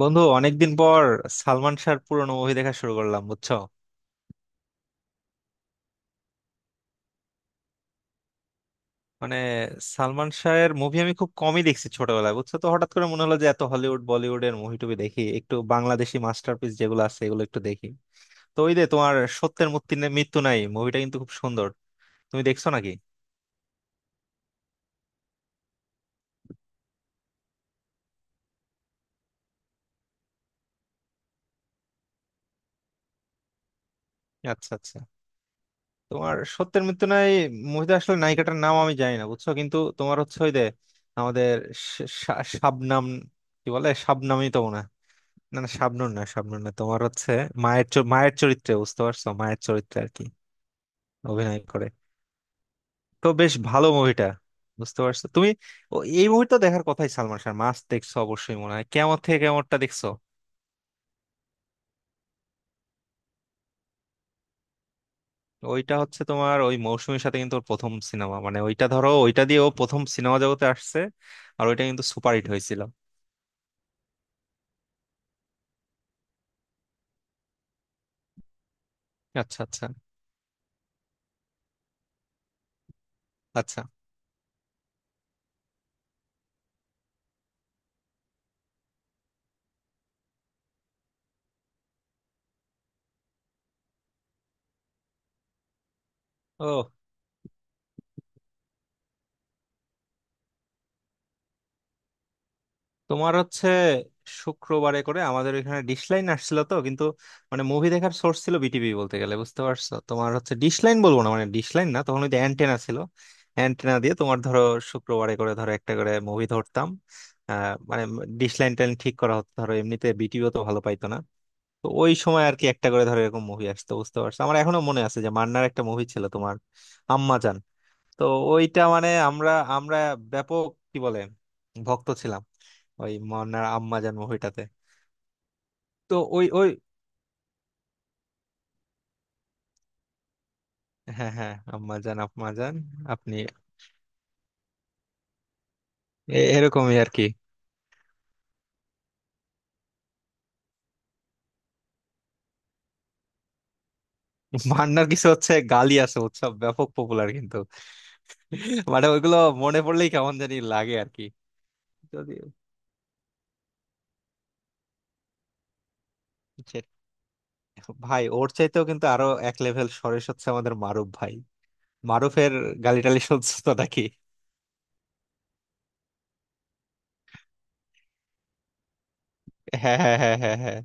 বন্ধু, অনেকদিন পর সালমান শাহর পুরোনো মুভি দেখা শুরু করলাম, বুঝছো? মানে সালমান শাহের মুভি আমি খুব কমই দেখছি ছোটবেলায়, বুঝছো তো। হঠাৎ করে মনে হলো যে এত হলিউড বলিউডের মুভি টুবি দেখি, একটু বাংলাদেশি মাস্টারপিস যেগুলো আছে এগুলো একটু দেখি। তো ওই যে তোমার সত্যের মৃত্যু নাই মুভিটা কিন্তু খুব সুন্দর। তুমি দেখছো নাকি? আচ্ছা আচ্ছা। তোমার সত্যের মৃত্যু নাই মুভিতে আসলে নায়িকাটার নাম আমি জানি না, বুঝছো, কিন্তু তোমার হচ্ছে ওই যে আমাদের শা- শা- শাবনাম, কি বলে, শাবনামই তো মনে হয়। না না, শাবনূর না, শাবনূর না, তোমার হচ্ছে মায়ের চরিত্রে, বুঝতে পারছো, মায়ের চরিত্রে আর কি অভিনয় করে। তো বেশ ভালো মুভিটা, বুঝতে পারছো তুমি? এই মুভি তো দেখার কথাই। সালমান শাহ মাস্ট দেখছো অবশ্যই, মনে হয়। কেমন থেকে কেমনটা দেখছো? ওইটা হচ্ছে তোমার ওই মৌসুমীর সাথে, কিন্তু ওর প্রথম সিনেমা। মানে ওইটা ধরো, ওইটা দিয়ে ও প্রথম সিনেমা জগতে আসছে। আর ওইটা কিন্তু সুপারহিট হয়েছিল। আচ্ছা আচ্ছা আচ্ছা। ও, তোমার হচ্ছে শুক্রবারে করে আমাদের এখানে ডিশলাইন আসছিল তো, কিন্তু মুভি দেখার সোর্স ছিল বিটিভি বলতে গেলে, বুঝতে পারছো? তোমার হচ্ছে ডিশলাইন বলবো না, মানে ডিশলাইন না, তখন ওই যে অ্যান্টেনা ছিল। অ্যান্টেনা দিয়ে তোমার ধরো শুক্রবারে করে ধরো একটা করে মুভি ধরতাম। আহ মানে ডিশলাইন টাইন ঠিক করা হতো ধরো, এমনিতে বিটিভিও তো ভালো পাইতো না। তো ওই সময় আর কি একটা করে ধরো এরকম মুভি আসতো, বুঝতে পারছো? আমার এখনো মনে আছে যে মান্নার একটা মুভি ছিল তোমার, আম্মাজান। তো ওইটা মানে আমরা, আমরা ব্যাপক, কি বলে, ভক্ত ছিলাম ওই মনার আম্মাজান মুভিটাতে। তো ওই ওই হ্যাঁ হ্যাঁ, আম্মাজান আম্মাজান। আপনি এরকমই আর কি। মান্নার কিছু হচ্ছে গালি আছে, উৎসব ব্যাপক পপুলার কিন্তু। মানে ওইগুলো মনে পড়লেই কেমন জানি লাগে আর কি। যদি সে- ভাই, ওর চাইতেও কিন্তু আরো এক লেভেল সরেস হচ্ছে আমাদের মারুফ ভাই। মারুফের গালি টালি শুনছো তো নাকি? হ্যাঁ হ্যাঁ হ্যাঁ হ্যাঁ হ্যাঁ।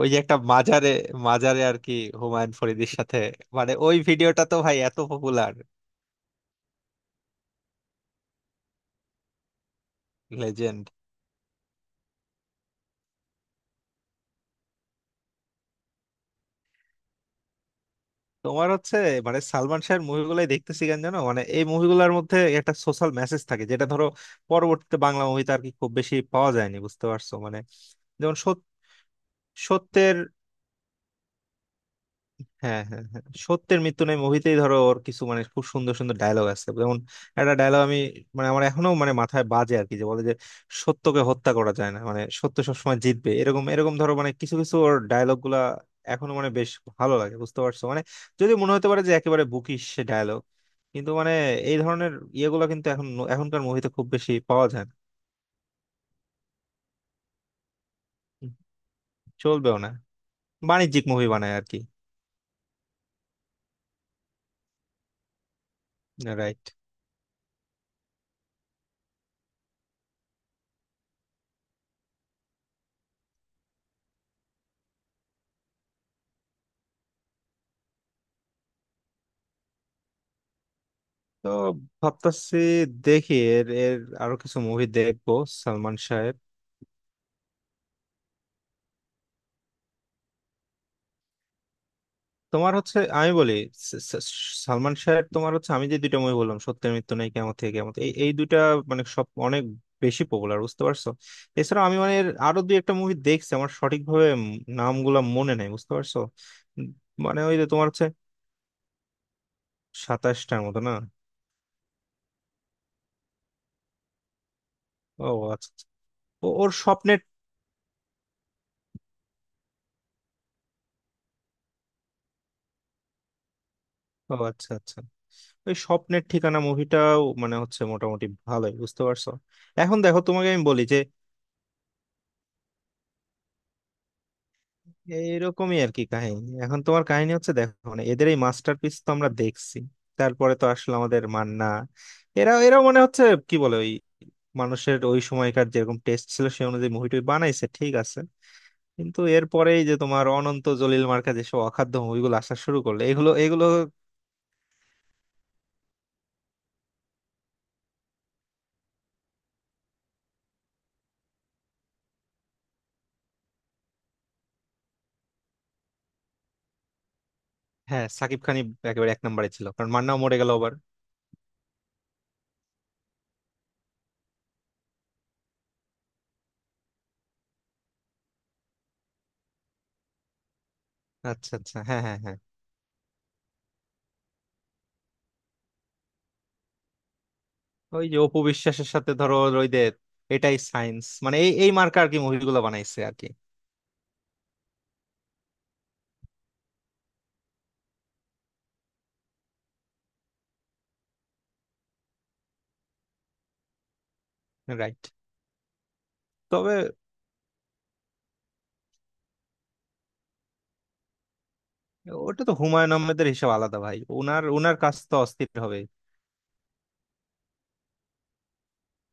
ওই যে একটা মাজারে, মাজারে আর কি, হুমায়ুন ফরিদির সাথে। মানে ওই ভিডিওটা তো ভাই এত পপুলার। লেজেন্ড। তোমার হচ্ছে সালমান শাহের মুভিগুলাই দেখতেছি কেন জানো? মানে এই মুভিগুলোর মধ্যে একটা সোশ্যাল মেসেজ থাকে, যেটা ধরো পরবর্তীতে বাংলা মুভিতে আর কি খুব বেশি পাওয়া যায়নি, বুঝতে পারছো মানে? যেমন সত- সত্যের, হ্যাঁ হ্যাঁ হ্যাঁ, সত্যের মৃত্যু নেই মুভিতেই ধরো ওর কিছু মানে খুব সুন্দর সুন্দর ডায়লগ আছে। যেমন একটা ডায়লগ আমি মানে আমার এখনো মানে মাথায় বাজে আর কি, যে বলে যে সত্যকে হত্যা করা যায় না, মানে সত্য সবসময় জিতবে, এরকম এরকম ধরো। মানে কিছু কিছু ওর ডায়লগ গুলা এখনো মানে বেশ ভালো লাগে, বুঝতে পারছো মানে? যদি মনে হতে পারে যে একেবারে বুকিশ সে ডায়লগ, কিন্তু মানে এই ধরনের ইয়েগুলো কিন্তু এখন, এখনকার মুভিতে খুব বেশি পাওয়া যায় না। চলবেও না, বাণিজ্যিক মুভি বানায় আর কি। রাইট। তো ভাবতাছি দেখি, এর এর আরো কিছু মুভি দেখবো সালমান শাহের। তোমার হচ্ছে আমি বলি, স- স- সালমান শাহের তোমার হচ্ছে আমি যে দুইটা মুভি বললাম, সত্যের মৃত্যু নেই, কেমন থেকে কেমন, এই এই দুইটা মানে সব অনেক বেশি পপুলার, বুঝতে পারছো। এছাড়া আমি মানে এর আরো দুই একটা মুভি দেখছি, আমার সঠিকভাবে নামগুলা মনে নেই, বুঝতে পারছো। উম, মানে ওই যে তোমার হচ্ছে 27টার মতো না? ও আচ্ছা আচ্ছা। ওর স্বপ্নের। ও আচ্ছা আচ্ছা। ওই স্বপ্নের ঠিকানা মুভিটাও মানে হচ্ছে মোটামুটি ভালোই, বুঝতে পারছো। এখন দেখো, তোমাকে আমি বলি যে এইরকমই আর কি কাহিনী। এখন তোমার কাহিনী হচ্ছে, দেখো মানে, এদের এই মাস্টারপিস তো আমরা দেখছি। তারপরে তো আসলে আমাদের মান্না, এরা এরাও মানে হচ্ছে, কি বলে, ওই মানুষের ওই সময়কার যেরকম টেস্ট ছিল সেই অনুযায়ী মুভিটা বানাইছে, ঠিক আছে। কিন্তু এরপরেই যে তোমার অনন্ত জলিল মার্কা যেসব অখাদ্য মুভিগুলো আসা শুরু করলো, এগুলো এগুলো। হ্যাঁ, সাকিব খানই একেবারে এক নম্বরে ছিল, কারণ মান্নাও মরে গেল আবার। আচ্ছা আচ্ছা, হ্যাঁ হ্যাঁ হ্যাঁ। ওই যে অপু বিশ্বাসের সাথে ধরো, ওই যে এটাই সায়েন্স, মানে এই এই মার্কা আর কি মুভিগুলো বানাইছে আর কি। রাইট। তবে ওটা তো হুমায়ুন আহমেদের, হিসাব আলাদা ভাই। ওনার ওনার কাজ তো অস্থির হবে।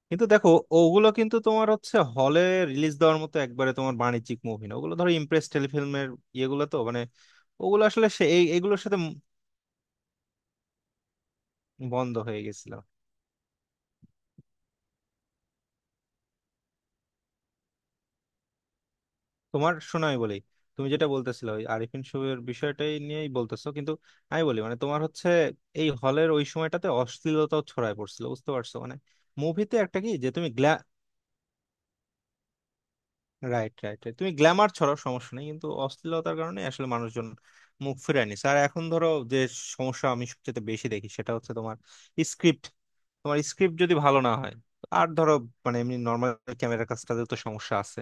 কিন্তু দেখো, ওগুলো কিন্তু তোমার হচ্ছে হলে রিলিজ দেওয়ার মতো একবারে তোমার বাণিজ্যিক মুভি না, ওগুলো ধরো ইমপ্রেস টেলিফিল্মের ইয়েগুলো তো মানে, ওগুলো আসলে সে এগুলোর সাথে বন্ধ হয়ে গেছিল। তোমার শোনো আমি বলি, তুমি যেটা বলতেছিলে ওই আরিফিন শুভের বিষয়টাই নিয়েই বলতেছো কিন্তু। আমি বলি মানে তোমার হচ্ছে এই হলের ওই সময়টাতে অশ্লীলতাও ছড়ায় পড়ছিল, বুঝতে পারছো মানে। মুভিতে একটা কি যে তুমি গ্ল্যা, রাইট রাইট, তুমি গ্ল্যামার ছড়াও সমস্যা নেই, কিন্তু অশ্লীলতার কারণে আসলে মানুষজন মুখ ফিরায় নিছে। আর এখন ধরো যে সমস্যা আমি সবচেয়ে বেশি দেখি সেটা হচ্ছে তোমার স্ক্রিপ্ট। তোমার স্ক্রিপ্ট যদি ভালো না হয়, আর ধরো মানে এমনি নর্মাল ক্যামেরার কাজটাতে তো সমস্যা আছে,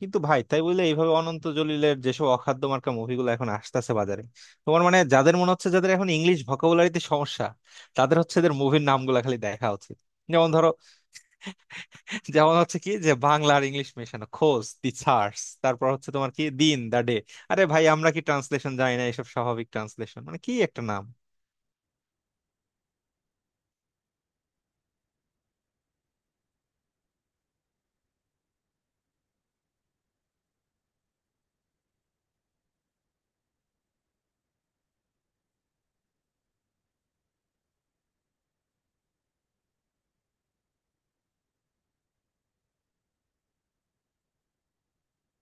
কিন্তু ভাই তাই বলে এইভাবে অনন্ত জলিলের যেসব অখাদ্য মার্কা মুভিগুলো এখন আসতেছে বাজারে। তোমার মানে যাদের মনে হচ্ছে, যাদের এখন ইংলিশ ভোকাবুলারিতে সমস্যা, তাদের হচ্ছে এদের মুভির নামগুলো খালি দেখা উচিত। যেমন ধরো, যেমন হচ্ছে কি যে বাংলা আর ইংলিশ মেশানো খোঁজ দি সার্স, তারপর হচ্ছে তোমার কি দিন দা ডে। আরে ভাই, আমরা কি ট্রান্সলেশন জানি না? এসব স্বাভাবিক ট্রান্সলেশন মানে কি একটা নাম।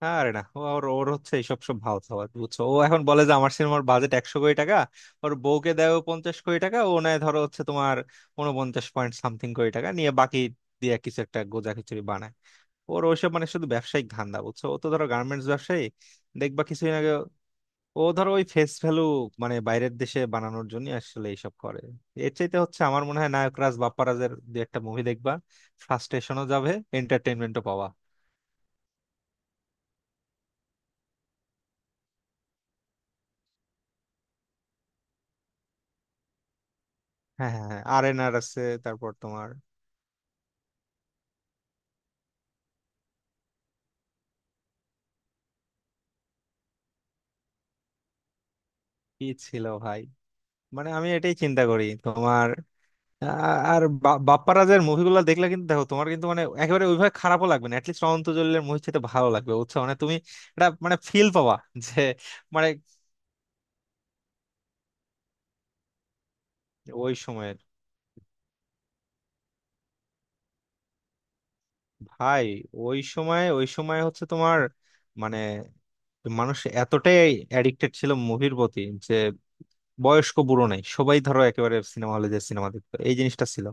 আরে না, ও- ওর ওর হচ্ছে এইসব সব ভাও খাওয়া, বুঝছো। ও এখন বলে যে আমার সিনেমার বাজেট 100 কোটি টাকা, ওর বউকে দেয় ও 50 কোটি টাকা, ও নেয় ধরো হচ্ছে তোমার 49 পয়েন্ট সামথিং কোটি টাকা নিয়ে, বাকি দিয়ে কিছু একটা গোজা খিচুড়ি বানায়। ওর ওইসব মানে শুধু ব্যবসায়িক ধান্দা, বুঝছো। ও তো ধরো গার্মেন্টস ব্যবসায়ী। দেখবা কিছুদিন আগে ও ধরো ওই ফেস ভ্যালু, মানে বাইরের দেশে বানানোর জন্য আসলে এইসব করে। এর চাইতে হচ্ছে আমার মনে হয় নায়করাজ বাপ্পারাজের দু একটা মুভি দেখবা, ফ্রাস্ট্রেশনও যাবে, এন্টারটেনমেন্টও পাওয়া। হ্যাঁ হ্যাঁ হ্যাঁ, আর এন আর আছে। তারপর তোমার কি ছিল ভাই? মানে আমি এটাই চিন্তা করি তোমার। আ- বাপ্পারাজের মুভিগুলো দেখলে কিন্তু দেখো তোমার কিন্তু মানে একেবারে ওইভাবে খারাপও লাগবে না, অ্যাটলিস্ট অনন্ত জলিলের মুভি চেয়ে ভালো লাগবে, বুঝছো মানে। তুমি এটা মানে ফিল পাবা যে মানে ওই সময়ের। ভাই ওই সময় হচ্ছে তোমার মানে মানুষ এতটাই অ্যাডিক্টেড ছিল মুভির প্রতি যে বয়স্ক বুড়ো নাই, সবাই ধরো একেবারে সিনেমা হলে যে সিনেমা দেখতো, এই জিনিসটা ছিল।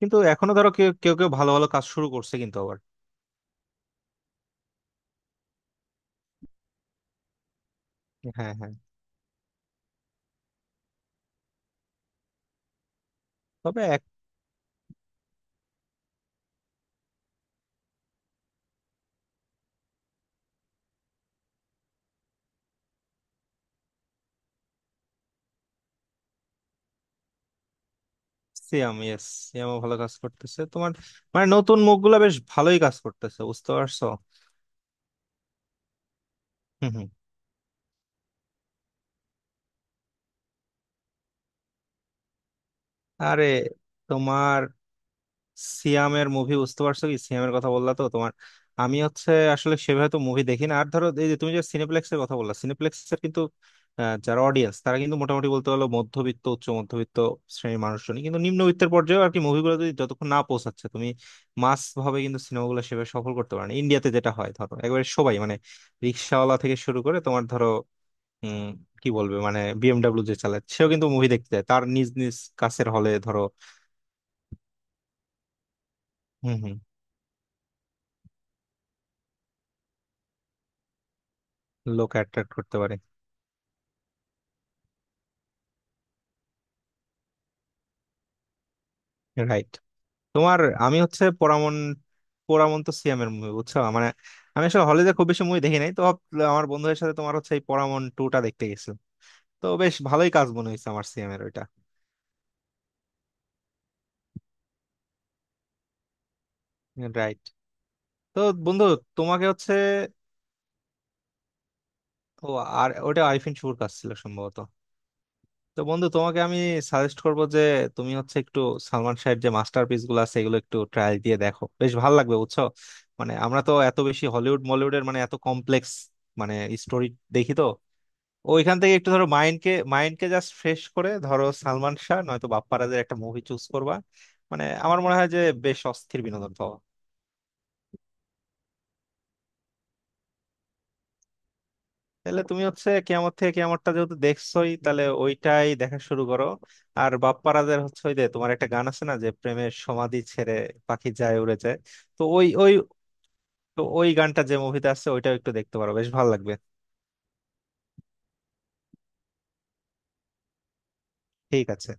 কিন্তু এখনো ধরো কেউ কেউ কেউ ভালো ভালো কাজ শুরু করছে, কিন্তু আবার হ্যাঁ হ্যাঁ। তবে সিয়াম, ইয়েস, সিয়ামও ভালো কাজ করতেছে তোমার। মানে নতুন মুখগুলা বেশ ভালোই কাজ করতেছে, বুঝতে পারছো। হুম হুম। আরে, তোমার সিয়ামের মুভি, বুঝতে পারছো, কি সিয়ামের কথা বললা তো তোমার। আমি হচ্ছে আসলে সেভাবে তো মুভি দেখি না। আর ধরো এই যে তুমি যে সিনেপ্লেক্সের কথা বললা, সিনেপ্লেক্সের কিন্তু যারা অডিয়েন্স, তারা কিন্তু মোটামুটি বলতে হলো মধ্যবিত্ত, উচ্চ মধ্যবিত্ত শ্রেণীর মানুষজনই। কিন্তু নিম্নবিত্তের পর্যায়ে আর কি মুভিগুলো যদি যতক্ষণ না পৌঁছাচ্ছে, তুমি মাস ভাবে কিন্তু সিনেমাগুলো সেভাবে সফল করতে পারো না। ইন্ডিয়াতে যেটা হয় ধরো একেবারে সবাই, মানে রিক্সাওয়ালা থেকে শুরু করে তোমার ধরো উম কি বলবে মানে বিএমডাব্লিউ যে চালায় সেও কিন্তু মুভি দেখতে যায় তার নিজ নিজ কাছের হলে ধরো। হম হম। লোক অ্যাট্রাক্ট করতে পারে। রাইট। তোমার আমি হচ্ছে পোড়ামন, পোড়ামন্ত সিয়ামের মুভি, বুঝছো মানে। আমি আসলে হলে যে খুব বেশি মুভি দেখি নাই তো আমার বন্ধুদের সাথে তোমার হচ্ছে এই পোড়ামন টুটা দেখতে গেছিলাম। তো বেশ ভালোই কাজ মনে হয়েছে আমার সিয়ামের ওইটা। রাইট। তো বন্ধু তোমাকে হচ্ছে, ও, আর ওটা আরিফিন শুভর কাজ ছিল সম্ভবত। তো বন্ধু, তোমাকে আমি সাজেস্ট করব যে তুমি হচ্ছে একটু সালমান শাহের যে মাস্টারপিস গুলো আছে এগুলো একটু ট্রায়াল দিয়ে দেখো, বেশ ভালো লাগবে, বুঝছো। মানে আমরা তো এত বেশি হলিউড মলিউডের মানে এত কমপ্লেক্স মানে স্টোরি দেখি তো, ওইখান থেকে একটু ধরো মাইন্ডকে মাইন্ডকে জাস্ট ফ্রেশ করে ধরো সালমান শাহ নয়তো বাপ্পারাজের একটা মুভি চুজ করবা। মানে আমার মনে হয় যে বেশ অস্থির বিনোদন পাওয়া। তাহলে তুমি হচ্ছে কেয়ামত থেকে কেয়ামতটা যেহেতু দেখছোই, তাহলে ওইটাই দেখা শুরু করো। আর বাপ্পারাজের হচ্ছে ওই যে তোমার একটা গান আছে না, যে প্রেমের সমাধি ছেড়ে পাখি যায় উড়ে যায়। তো ওই ওই তো ওই গানটা যে মুভিতে আছে ওইটাও একটু দেখতে পারো, বেশ ভালো লাগবে। ঠিক আছে।